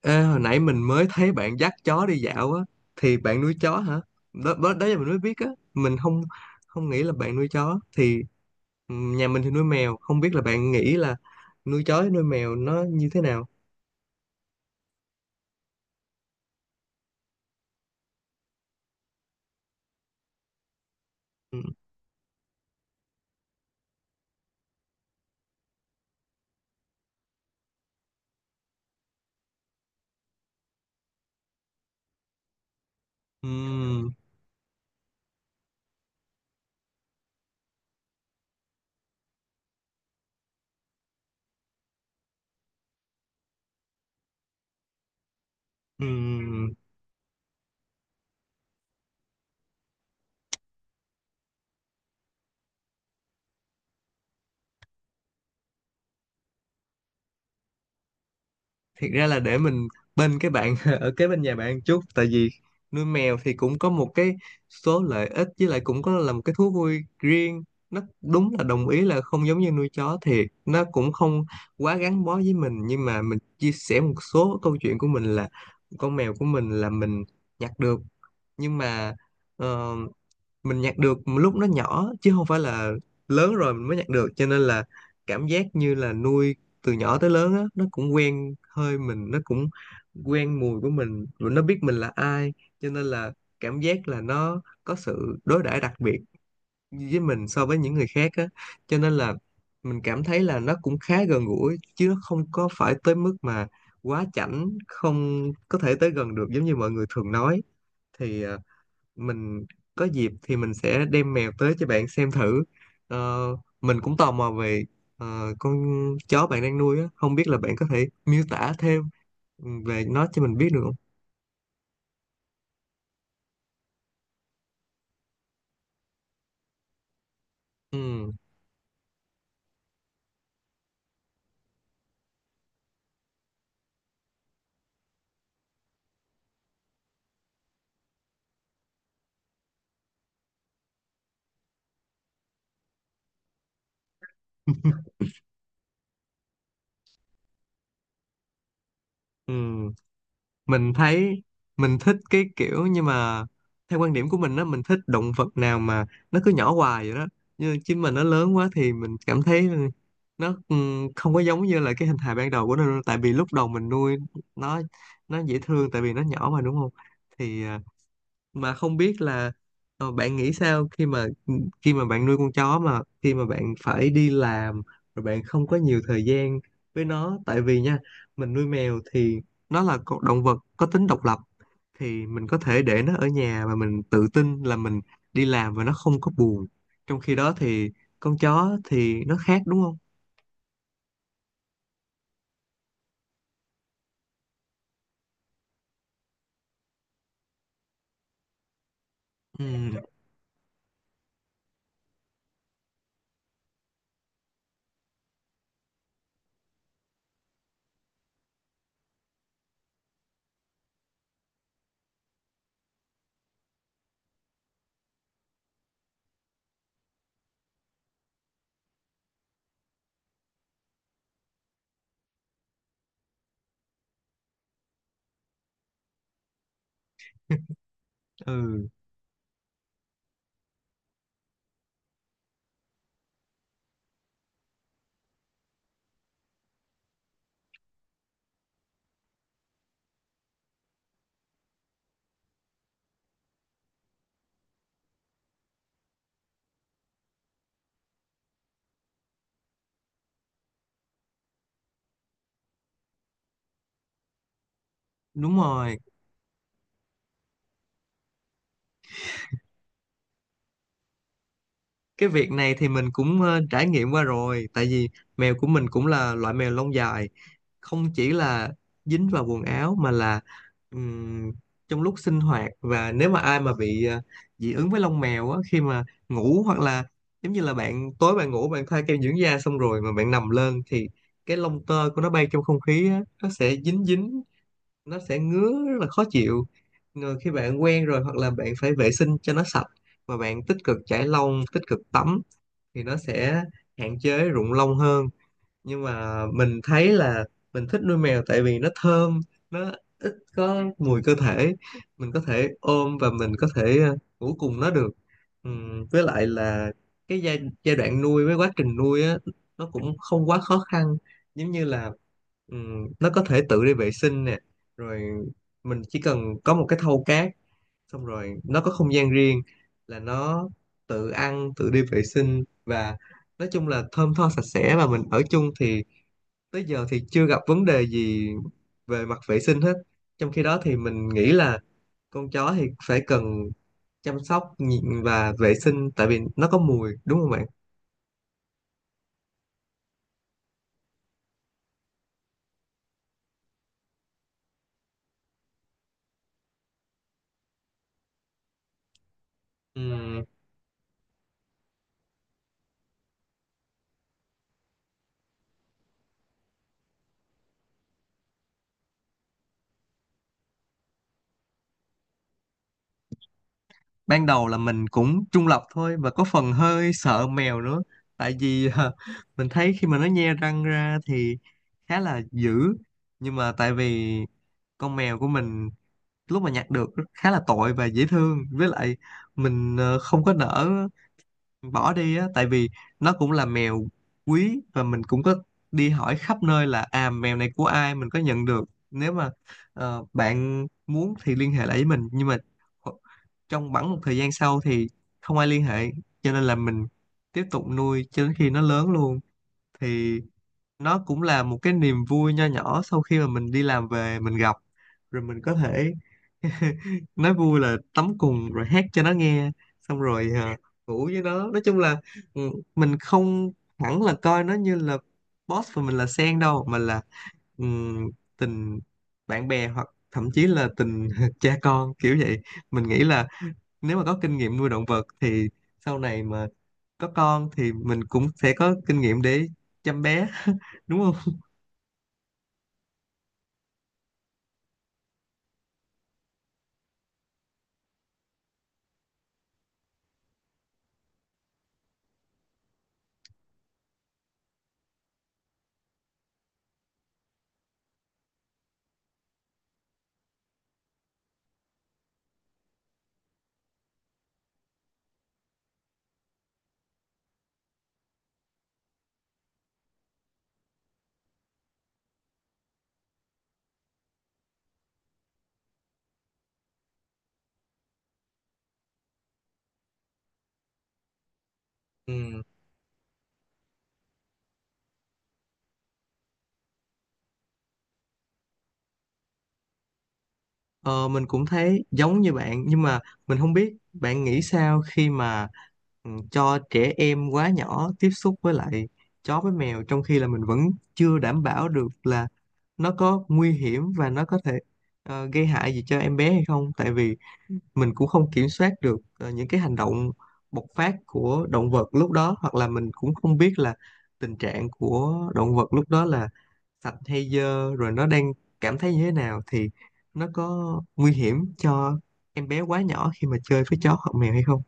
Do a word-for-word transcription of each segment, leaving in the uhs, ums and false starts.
Ê, hồi nãy mình mới thấy bạn dắt chó đi dạo á, thì bạn nuôi chó hả? Đó, đó, đó là mình mới biết á, mình không không nghĩ là bạn nuôi chó thì ừ, nhà mình thì nuôi mèo, không biết là bạn nghĩ là nuôi chó với nuôi mèo nó như thế nào. Ừ, ừ, ừ. Ừ. Thiệt ra là để mình bên cái bạn ở kế bên nhà bạn chút, tại vì nuôi mèo thì cũng có một cái số lợi ích, với lại cũng có là một cái thú vui riêng. Nó đúng là đồng ý là không giống như nuôi chó thiệt, nó cũng không quá gắn bó với mình, nhưng mà mình chia sẻ một số câu chuyện của mình là con mèo của mình là mình nhặt được. Nhưng mà ờ, mình nhặt được lúc nó nhỏ chứ không phải là lớn rồi mình mới nhặt được, cho nên là cảm giác như là nuôi từ nhỏ tới lớn á, nó cũng quen hơi mình, nó cũng quen mùi của mình và nó biết mình là ai, cho nên là cảm giác là nó có sự đối đãi đặc biệt với mình so với những người khác á, cho nên là mình cảm thấy là nó cũng khá gần gũi chứ nó không có phải tới mức mà quá chảnh, không có thể tới gần được giống như mọi người thường nói. Thì ờ, mình có dịp thì mình sẽ đem mèo tới cho bạn xem thử. Ờ, mình cũng tò mò về ờ, con chó bạn đang nuôi á, không biết là bạn có thể miêu tả thêm về nó cho mình biết được không? Ừ. Ừ, mình thấy mình thích cái kiểu, nhưng mà theo quan điểm của mình á, mình thích động vật nào mà nó cứ nhỏ hoài vậy đó, như chim mình nó lớn quá thì mình cảm thấy nó ừm, không có giống như là cái hình hài ban đầu của nó đâu. Tại vì lúc đầu mình nuôi nó nó dễ thương tại vì nó nhỏ mà, đúng không? thì à, mà không biết là ờ, bạn nghĩ sao khi mà ừ, khi mà bạn nuôi con chó mà khi mà bạn phải đi làm rồi bạn không có nhiều thời gian với nó, tại vì nha, mình nuôi mèo thì nó là con động vật có tính độc lập, thì mình có thể để nó ở nhà và mình tự tin là mình đi làm và nó không có buồn, trong khi đó thì con chó thì nó khác, đúng không? Ừ, ừ, đúng rồi. Cái việc này thì mình cũng ờ, trải nghiệm qua rồi, tại vì mèo của mình cũng là loại mèo lông dài, không chỉ là dính vào quần áo mà là ừm, trong lúc sinh hoạt, và nếu mà ai mà bị ờ, dị ứng với lông mèo á, khi mà ngủ hoặc là giống như là bạn tối bạn ngủ bạn thoa kem dưỡng da xong rồi mà bạn nằm lên thì cái lông tơ của nó bay trong không khí á, nó sẽ dính dính, nó sẽ ngứa rất là khó chịu. Rồi khi bạn quen rồi hoặc là bạn phải vệ sinh cho nó sạch và bạn tích cực chải lông, tích cực tắm thì nó sẽ hạn chế rụng lông hơn. Nhưng mà mình thấy là mình thích nuôi mèo tại vì nó thơm, nó ít có mùi cơ thể, mình có thể ôm và mình có thể ờ, ngủ cùng nó được. Ừm, với lại là cái giai, giai đoạn nuôi với quá trình nuôi á, nó cũng không quá khó khăn, giống như là ừm, nó có thể tự đi vệ sinh nè, rồi mình chỉ cần có một cái thau cát, xong rồi nó có không gian riêng là nó tự ăn tự đi vệ sinh, và nói chung là thơm tho sạch sẽ, và mình ở chung thì tới giờ thì chưa gặp vấn đề gì về mặt vệ sinh hết. Trong khi đó thì mình nghĩ là con chó thì phải cần chăm sóc nhị- và vệ sinh, tại vì nó có mùi đúng không bạn? Ừm, ban đầu là mình cũng trung lập thôi và có phần hơi sợ mèo nữa, tại vì ờ, mình thấy khi mà nó nhe răng ra thì khá là dữ, nhưng mà tại vì con mèo của mình lúc mà nhặt được khá là tội và dễ thương, với lại mình ờ, không có nỡ bỏ đi á, tại vì nó cũng là mèo quý, và mình cũng có đi hỏi khắp nơi là à mèo này của ai, mình có nhận được, nếu mà ờ, bạn muốn thì liên hệ lại với mình. Nhưng mà kho- trong bẵng một thời gian sau thì không ai liên hệ, cho nên là mình tiếp tục nuôi cho đến khi nó lớn luôn. Thì nó cũng là một cái niềm vui nho nhỏ sau khi mà mình đi làm về mình gặp, rồi mình có thể nói vui là tắm cùng rồi hát cho nó nghe, xong rồi à, ngủ với nó. Nói chung là ừ, mình không hẳn là coi nó như là boss và mình là sen đâu, mà là ừm, tình bạn bè hoặc thậm chí là tình cha con kiểu vậy. Mình nghĩ là nếu mà có kinh nghiệm nuôi động vật thì sau này mà có con thì mình cũng sẽ có kinh nghiệm để chăm bé, đúng không? Ừ. Ờ, mình cũng thấy giống như bạn, nhưng mà mình không biết bạn nghĩ sao khi mà ừ, cho trẻ em quá nhỏ tiếp xúc với lại chó với mèo, trong khi là mình vẫn chưa đảm bảo được là nó có nguy hiểm và nó có thể ờ, gây hại gì cho em bé hay không, tại vì mình cũng không kiểm soát được ờ, những cái hành động bộc phát của động vật lúc đó, hoặc là mình cũng không biết là tình trạng của động vật lúc đó là sạch hay dơ, rồi nó đang cảm thấy như thế nào, thì nó có nguy hiểm cho em bé quá nhỏ khi mà chơi với chó hoặc mèo hay không?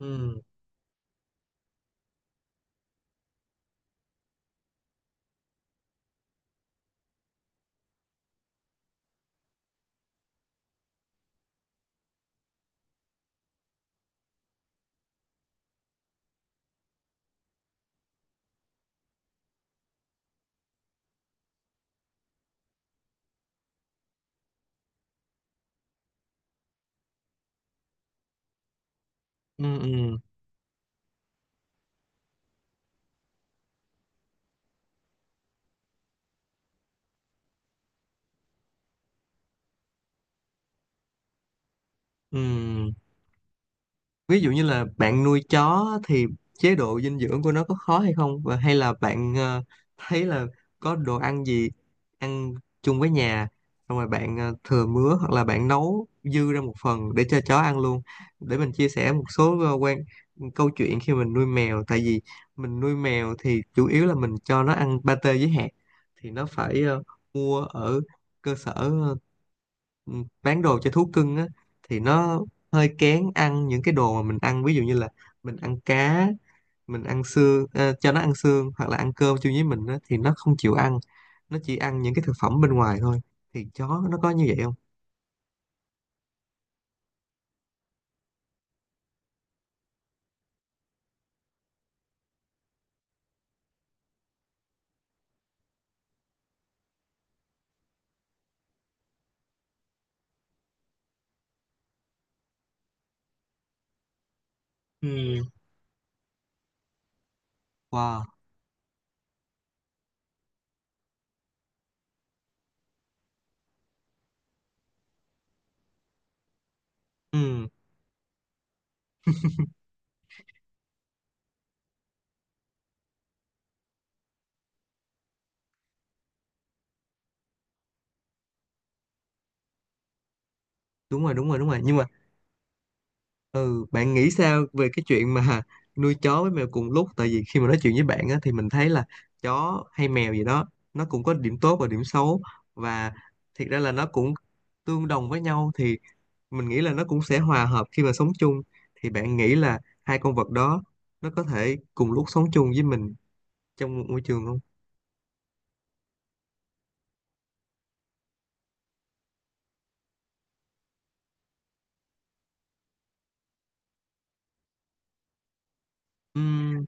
Ừ ừ ừ ừ Ví dụ như là bạn nuôi chó thì chế độ dinh dưỡng của nó có khó hay không, và hay là bạn ờ, thấy là có đồ ăn gì ăn chung với nhà, xong rồi bạn ờ, thừa mứa hoặc là bạn nấu dư ra một phần để cho chó ăn luôn. Để mình chia sẻ một số ờ, quan ừ, câu chuyện khi mình nuôi mèo, tại vì mình nuôi mèo thì chủ yếu là mình cho nó ăn pate với hạt, thì nó phải ờ, mua ở cơ sở ờ, ừ, bán đồ cho thú cưng á. Thì nó hơi kén ăn những cái đồ mà mình ăn, ví dụ như là mình ăn cá, mình ăn xương, ờ, cho nó ăn xương hoặc là ăn cơm chung với mình á, thì nó không chịu ăn, nó chỉ ăn những cái thực phẩm bên ngoài thôi. Thì chó nó có như vậy không? Ừ. Wow. Ừ, đúng rồi, đúng rồi, đúng rồi, nhưng mà ừ, bạn nghĩ sao về cái chuyện mà nuôi chó với mèo cùng lúc? Tại vì khi mà nói chuyện với bạn á, thì mình thấy là chó hay mèo gì đó nó cũng có điểm tốt và điểm xấu, và thiệt ra là nó cũng tương đồng với nhau, thì mình nghĩ là nó cũng sẽ hòa hợp khi mà sống chung. Thì bạn nghĩ là hai con vật đó nó có thể cùng lúc sống chung với mình trong một môi trường không? Ừm,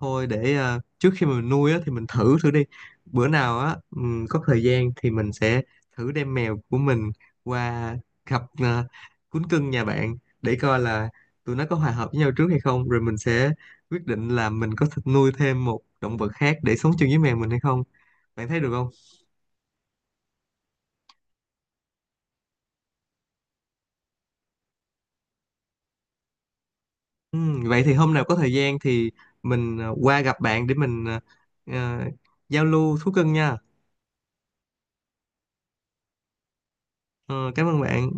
thôi để à, trước khi mà mình nuôi á, thì mình thử thử đi, bữa nào á ừm, có thời gian thì mình sẽ thử đem mèo của mình qua gặp à, cún cưng nhà bạn để coi là tụi nó có hòa hợp với nhau trước hay không, rồi mình sẽ quyết định là mình có thịt nuôi thêm một động vật khác để sống chung với mèo mình hay không. Bạn thấy được không? Ừm, vậy thì hôm nào có thời gian thì mình ờ, qua gặp bạn để mình ờ, ờ, giao lưu thú cưng nha. Ờ, cảm ơn bạn.